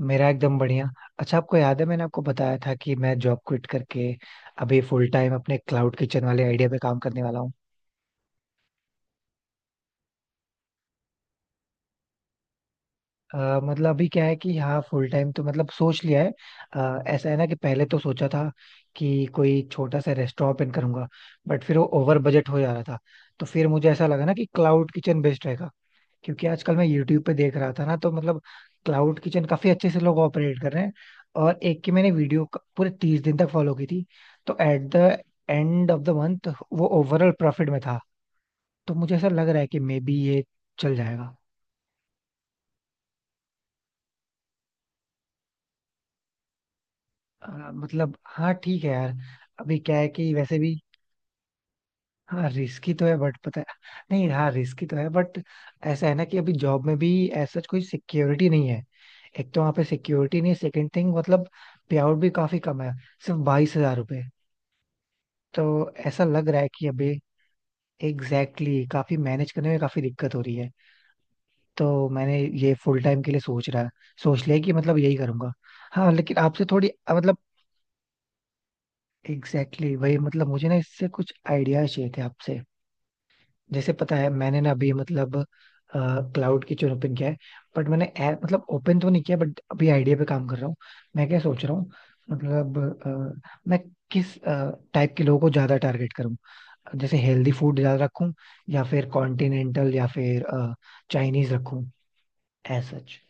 मेरा एकदम बढ़िया. अच्छा, आपको याद है मैंने आपको बताया था कि मैं जॉब क्विट करके अभी फुल टाइम अपने क्लाउड किचन वाले आइडिया पे काम करने वाला हूँ. मतलब अभी क्या है कि हाँ फुल टाइम तो मतलब सोच लिया है. ऐसा है ना कि पहले तो सोचा था कि कोई छोटा सा रेस्टोरेंट ओपन करूंगा. बट फिर वो ओवर बजट हो जा रहा था. तो फिर मुझे ऐसा लगा ना कि क्लाउड किचन बेस्ट रहेगा. क्योंकि आजकल मैं यूट्यूब पे देख रहा था ना, तो मतलब क्लाउड किचन काफी अच्छे से लोग ऑपरेट कर रहे हैं. और एक की मैंने वीडियो पूरे 30 दिन तक फॉलो की थी. तो at the end of the month वो ओवरऑल प्रॉफिट में था. तो मुझे ऐसा लग रहा है कि मे बी ये चल जाएगा. अ, मतलब हाँ ठीक है यार. अभी क्या है कि वैसे भी हाँ रिस्की तो है बट पता है. नहीं, हाँ रिस्की तो है बट ऐसा है ना कि अभी जॉब में भी ऐसा कोई सिक्योरिटी नहीं है. एक तो वहाँ पे सिक्योरिटी नहीं है, सेकंड थिंग मतलब पे आउट भी काफी कम है. सिर्फ 22 हजार रुपए. तो ऐसा लग रहा है कि अभी एग्जैक्टली काफी मैनेज करने में काफी दिक्कत हो रही है. तो मैंने ये फुल टाइम के लिए सोच लिया कि मतलब यही करूंगा. हाँ लेकिन आपसे थोड़ी मतलब एग्जैक्टली वही मतलब मुझे ना इससे कुछ आइडियाज चाहिए थे आपसे. जैसे पता है मैंने ना अभी मतलब क्लाउड किचन ओपन किया है. बट मैंने ऐप मतलब ओपन तो नहीं किया, बट अभी आइडिया पे काम कर रहा हूँ. मैं क्या सोच रहा हूँ, मतलब मैं किस टाइप के लोगों को ज्यादा टारगेट करूँ. जैसे हेल्दी फूड ज्यादा रखूँ, या फिर कॉन्टिनेंटल या फिर चाइनीज रखूँ, एज सच.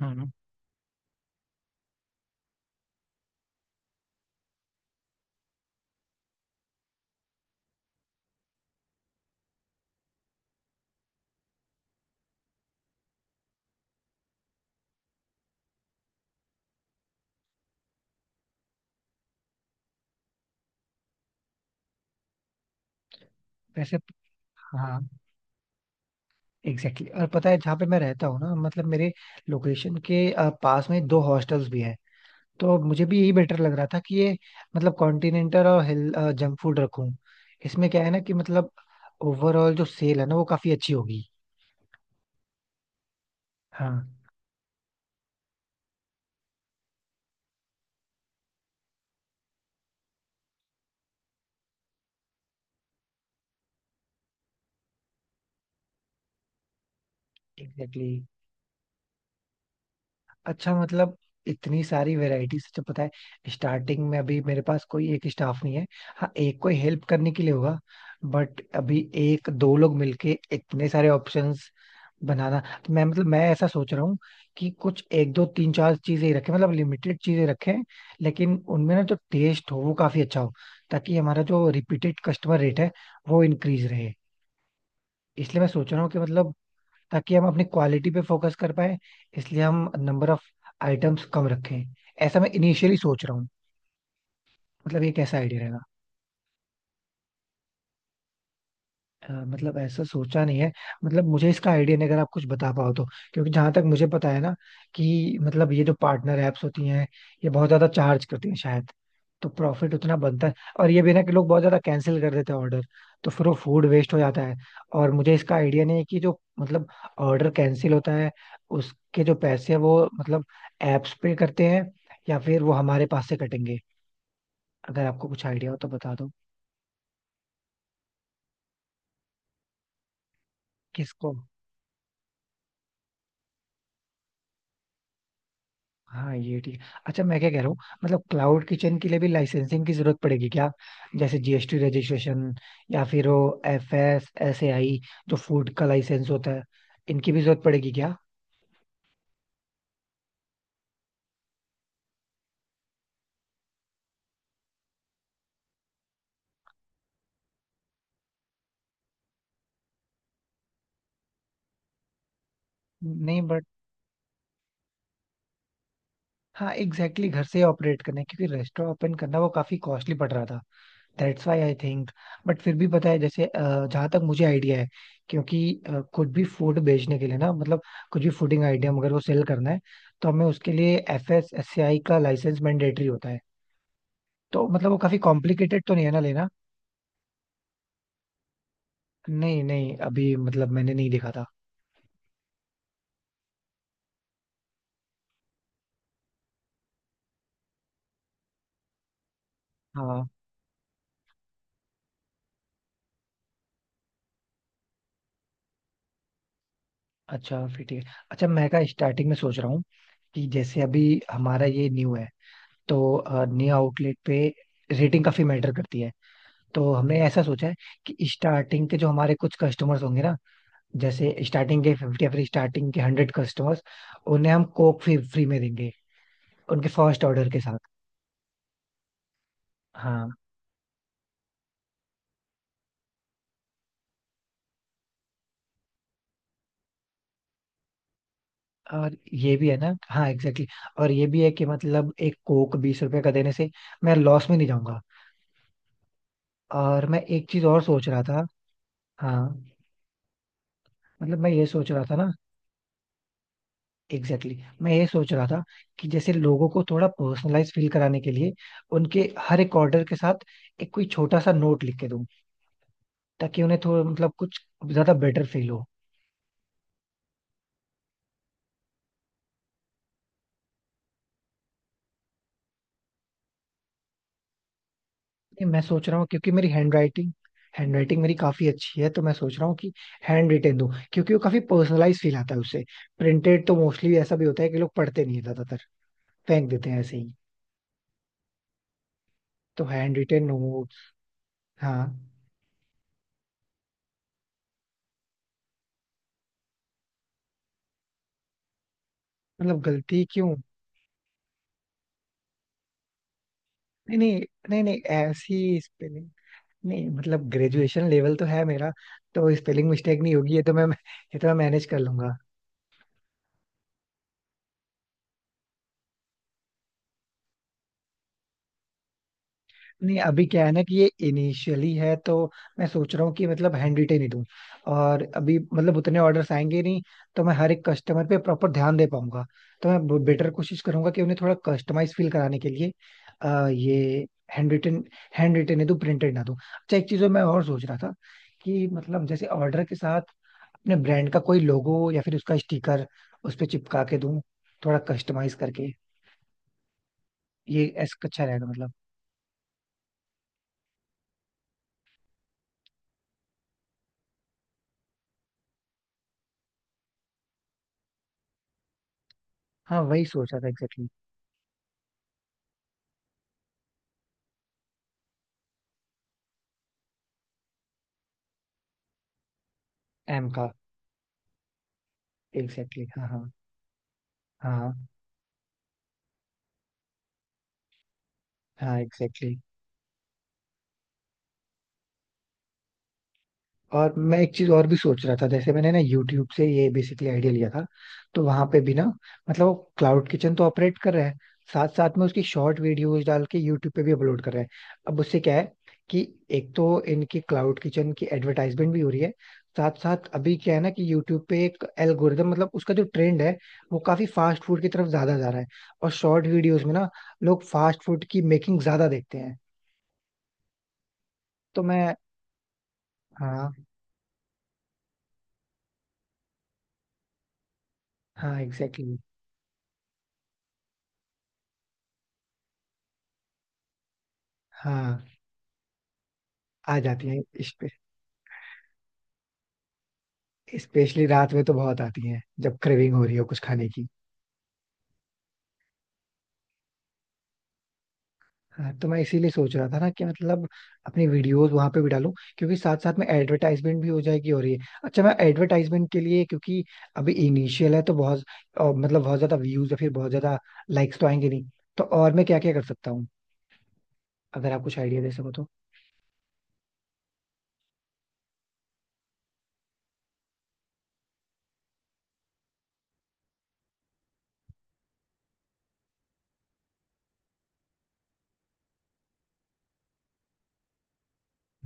हम्म. वैसे हाँ एग्जैक्टली और पता है जहाँ पे मैं रहता हूँ ना, मतलब मेरे लोकेशन के पास में दो हॉस्टल्स भी हैं. तो मुझे भी यही बेटर लग रहा था कि ये मतलब कॉन्टिनेंटल और हिल जंक फूड रखूं. इसमें क्या है ना कि मतलब ओवरऑल जो सेल है ना वो काफी अच्छी होगी. हाँ एग्जैक्टली. अच्छा मतलब इतनी सारी वैरायटीज तो, पता है स्टार्टिंग में अभी मेरे पास कोई एक स्टाफ नहीं है. हाँ एक कोई हेल्प करने के लिए होगा. बट अभी एक दो लोग मिलके इतने सारे ऑप्शंस बनाना. तो मैं मतलब मैं ऐसा सोच रहा हूँ कि कुछ एक दो तीन चार चीजें ही रखें, मतलब लिमिटेड चीजें रखें. लेकिन उनमें ना जो टेस्ट हो वो काफी अच्छा हो, ताकि हमारा जो रिपीटेड कस्टमर रेट है वो इंक्रीज रहे. इसलिए मैं सोच रहा हूँ कि मतलब ताकि हम अपनी क्वालिटी पे फोकस कर पाए, इसलिए हम नंबर ऑफ आइटम्स कम रखें. ऐसा मैं इनिशियली सोच रहा हूँ, मतलब ये कैसा आइडिया रहेगा. मतलब ऐसा सोचा नहीं है. मतलब मुझे इसका आइडिया नहीं, अगर आप कुछ बता पाओ तो. क्योंकि जहां तक मुझे पता है ना, कि मतलब ये जो पार्टनर एप्स होती हैं ये बहुत ज्यादा चार्ज करती हैं शायद. तो प्रॉफिट उतना बनता है. और ये भी ना कि लोग बहुत ज्यादा कैंसिल कर देते हैं ऑर्डर. तो फिर वो फूड वेस्ट हो जाता है. और मुझे इसका आइडिया नहीं है कि जो मतलब ऑर्डर कैंसिल होता है उसके जो पैसे हैं वो मतलब एप्स पे करते हैं, या फिर वो हमारे पास से कटेंगे. अगर आपको कुछ आइडिया हो तो बता दो. किसको? हाँ ये ठीक है. अच्छा मैं क्या कह रहा हूँ, मतलब क्लाउड किचन के लिए भी लाइसेंसिंग की जरूरत पड़ेगी क्या? जैसे जीएसटी रजिस्ट्रेशन, या फिर वो F S S A I जो फूड का लाइसेंस होता है, इनकी भी जरूरत पड़ेगी क्या? नहीं बट हाँ एग्जैक्टली घर से ऑपरेट करना है, क्योंकि रेस्टोरेंट ओपन करना वो काफी कॉस्टली पड़ रहा था. That's why I think. But फिर भी पता है जैसे जहाँ तक मुझे आइडिया है. क्योंकि कुछ भी फूड बेचने के लिए ना, मतलब कुछ भी फूडिंग आइडिया अगर वो सेल करना है तो हमें उसके लिए एफ एस एस आई का लाइसेंस मैंडेटरी होता है. तो मतलब वो काफी कॉम्प्लिकेटेड तो नहीं है ना लेना. नहीं नहीं, अभी मतलब मैंने नहीं देखा था. हाँ. अच्छा फिर ठीक है. अच्छा मैं का स्टार्टिंग में सोच रहा हूँ कि जैसे अभी हमारा ये न्यू है, तो न्यू आउटलेट पे रेटिंग काफी मैटर करती है. तो हमने ऐसा सोचा है कि स्टार्टिंग के जो हमारे कुछ कस्टमर्स होंगे ना, जैसे स्टार्टिंग के 50 या फिर स्टार्टिंग के 100 कस्टमर्स, उन्हें हम कोक फ्री फ्री में देंगे उनके फर्स्ट ऑर्डर के साथ. हाँ और ये भी है ना, हाँ एग्जैक्टली और ये भी है कि मतलब एक कोक 20 रुपए का देने से मैं लॉस में नहीं जाऊंगा. और मैं एक चीज और सोच रहा था. हाँ मतलब मैं ये सोच रहा था ना. एग्जैक्टली मैं ये सोच रहा था कि जैसे लोगों को थोड़ा पर्सनलाइज फील कराने के लिए उनके हर एक ऑर्डर के साथ एक कोई छोटा सा नोट लिख के दूं, ताकि उन्हें थोड़ा मतलब कुछ ज्यादा बेटर फील हो. नहीं, मैं सोच रहा हूँ क्योंकि मेरी हैंड राइटिंग, हैंड राइटिंग मेरी काफी अच्छी है. तो मैं सोच रहा हूँ कि हैंड रिटेन दूं, क्योंकि वो काफी पर्सनलाइज फील आता है उससे. प्रिंटेड तो मोस्टली ऐसा भी होता है कि लोग पढ़ते नहीं है, ज्यादातर फेंक देते हैं ऐसे ही. तो हैंड रिटेन नोट्स. हाँ मतलब गलती क्यों? नहीं नहीं. नहीं नहीं ऐसी स्पेलिंग. नहीं मतलब ग्रेजुएशन लेवल तो है मेरा, तो स्पेलिंग मिस्टेक नहीं होगी. ये तो मैं मैनेज कर लूंगा. नहीं अभी क्या है ना कि ये इनिशियली है, तो मैं सोच रहा हूँ कि मतलब हैंड रिटेन ही दूं. और अभी मतलब उतने ऑर्डर्स आएंगे नहीं, तो मैं हर एक कस्टमर पे प्रॉपर ध्यान दे पाऊंगा. तो मैं बेटर कोशिश करूंगा कि उन्हें थोड़ा कस्टमाइज फील कराने के लिए ये हैंड रिटेन हैंड रिटेन ही दूं, प्रिंटेड ना दूं. अच्छा एक चीज जो मैं और सोच रहा था, कि मतलब जैसे ऑर्डर के साथ अपने ब्रांड का कोई लोगो या फिर उसका स्टिकर उस पे चिपका के दूं, थोड़ा कस्टमाइज करके. ये ऐसा अच्छा रहेगा मतलब. हाँ वही सोच रहा था एग्जैक्टली. एम का. एग्जैक्टली हाँ हाँ. हाँ. हाँ एग्जैक्टली. और मैं एक चीज और भी सोच रहा था, जैसे मैंने ना यूट्यूब से ये बेसिकली आइडिया लिया था. तो वहां पे भी ना मतलब वो क्लाउड किचन तो ऑपरेट कर रहा है, साथ साथ में उसकी शॉर्ट वीडियोस डाल के यूट्यूब पे भी अपलोड कर रहा है. अब उससे क्या है कि एक तो इनकी क्लाउड किचन की एडवर्टाइजमेंट भी हो रही है, साथ साथ अभी क्या है ना कि यूट्यूब पे एक एल्गोरिदम मतलब उसका जो ट्रेंड है वो काफी फास्ट फूड की तरफ ज्यादा जा रहा है. और शॉर्ट वीडियोस में ना लोग फास्ट फूड की मेकिंग ज्यादा देखते हैं. तो मैं हाँ. हाँ एग्जैक्टली हाँ आ जाती हैं. स्पेशली रात में तो बहुत आती हैं जब क्रेविंग हो रही हो कुछ खाने की. हाँ तो मैं इसीलिए सोच रहा था ना कि मतलब अपनी वीडियोस वहां पे भी डालूं, क्योंकि साथ साथ में एडवर्टाइजमेंट भी हो जाएगी हो रही है. अच्छा मैं एडवर्टाइजमेंट के लिए, क्योंकि अभी इनिशियल है तो बहुत और मतलब बहुत ज्यादा व्यूज या फिर बहुत ज्यादा लाइक्स तो आएंगे नहीं. तो और मैं क्या क्या कर सकता हूँ, अगर आप कुछ आइडिया दे सको तो.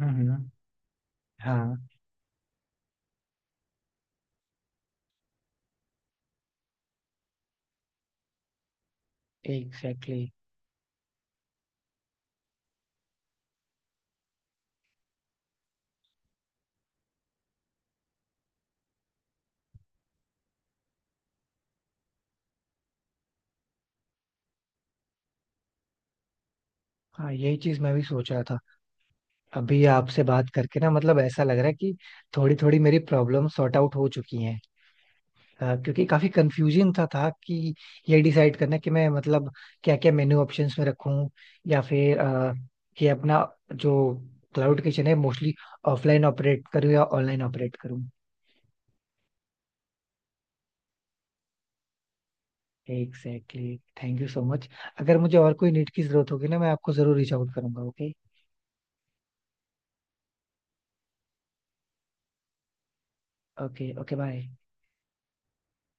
हम्म. हाँ एग्जैक्टली हाँ यही चीज मैं भी सोच रहा था. अभी आपसे बात करके ना मतलब ऐसा लग रहा है कि थोड़ी थोड़ी मेरी प्रॉब्लम सॉर्ट आउट हो चुकी हैं. क्योंकि काफी कंफ्यूजिंग था कि ये डिसाइड करना कि मैं मतलब क्या क्या मेन्यू ऑप्शंस में रखूं. या फिर कि अपना जो क्लाउड किचन है मोस्टली ऑफलाइन ऑपरेट करूं या ऑनलाइन ऑपरेट करूं. Exactly. Thank you so much. अगर मुझे और कोई नीड की जरूरत होगी ना, मैं आपको जरूर रीच आउट करूंगा. ओके. ओके. ओके. बाय.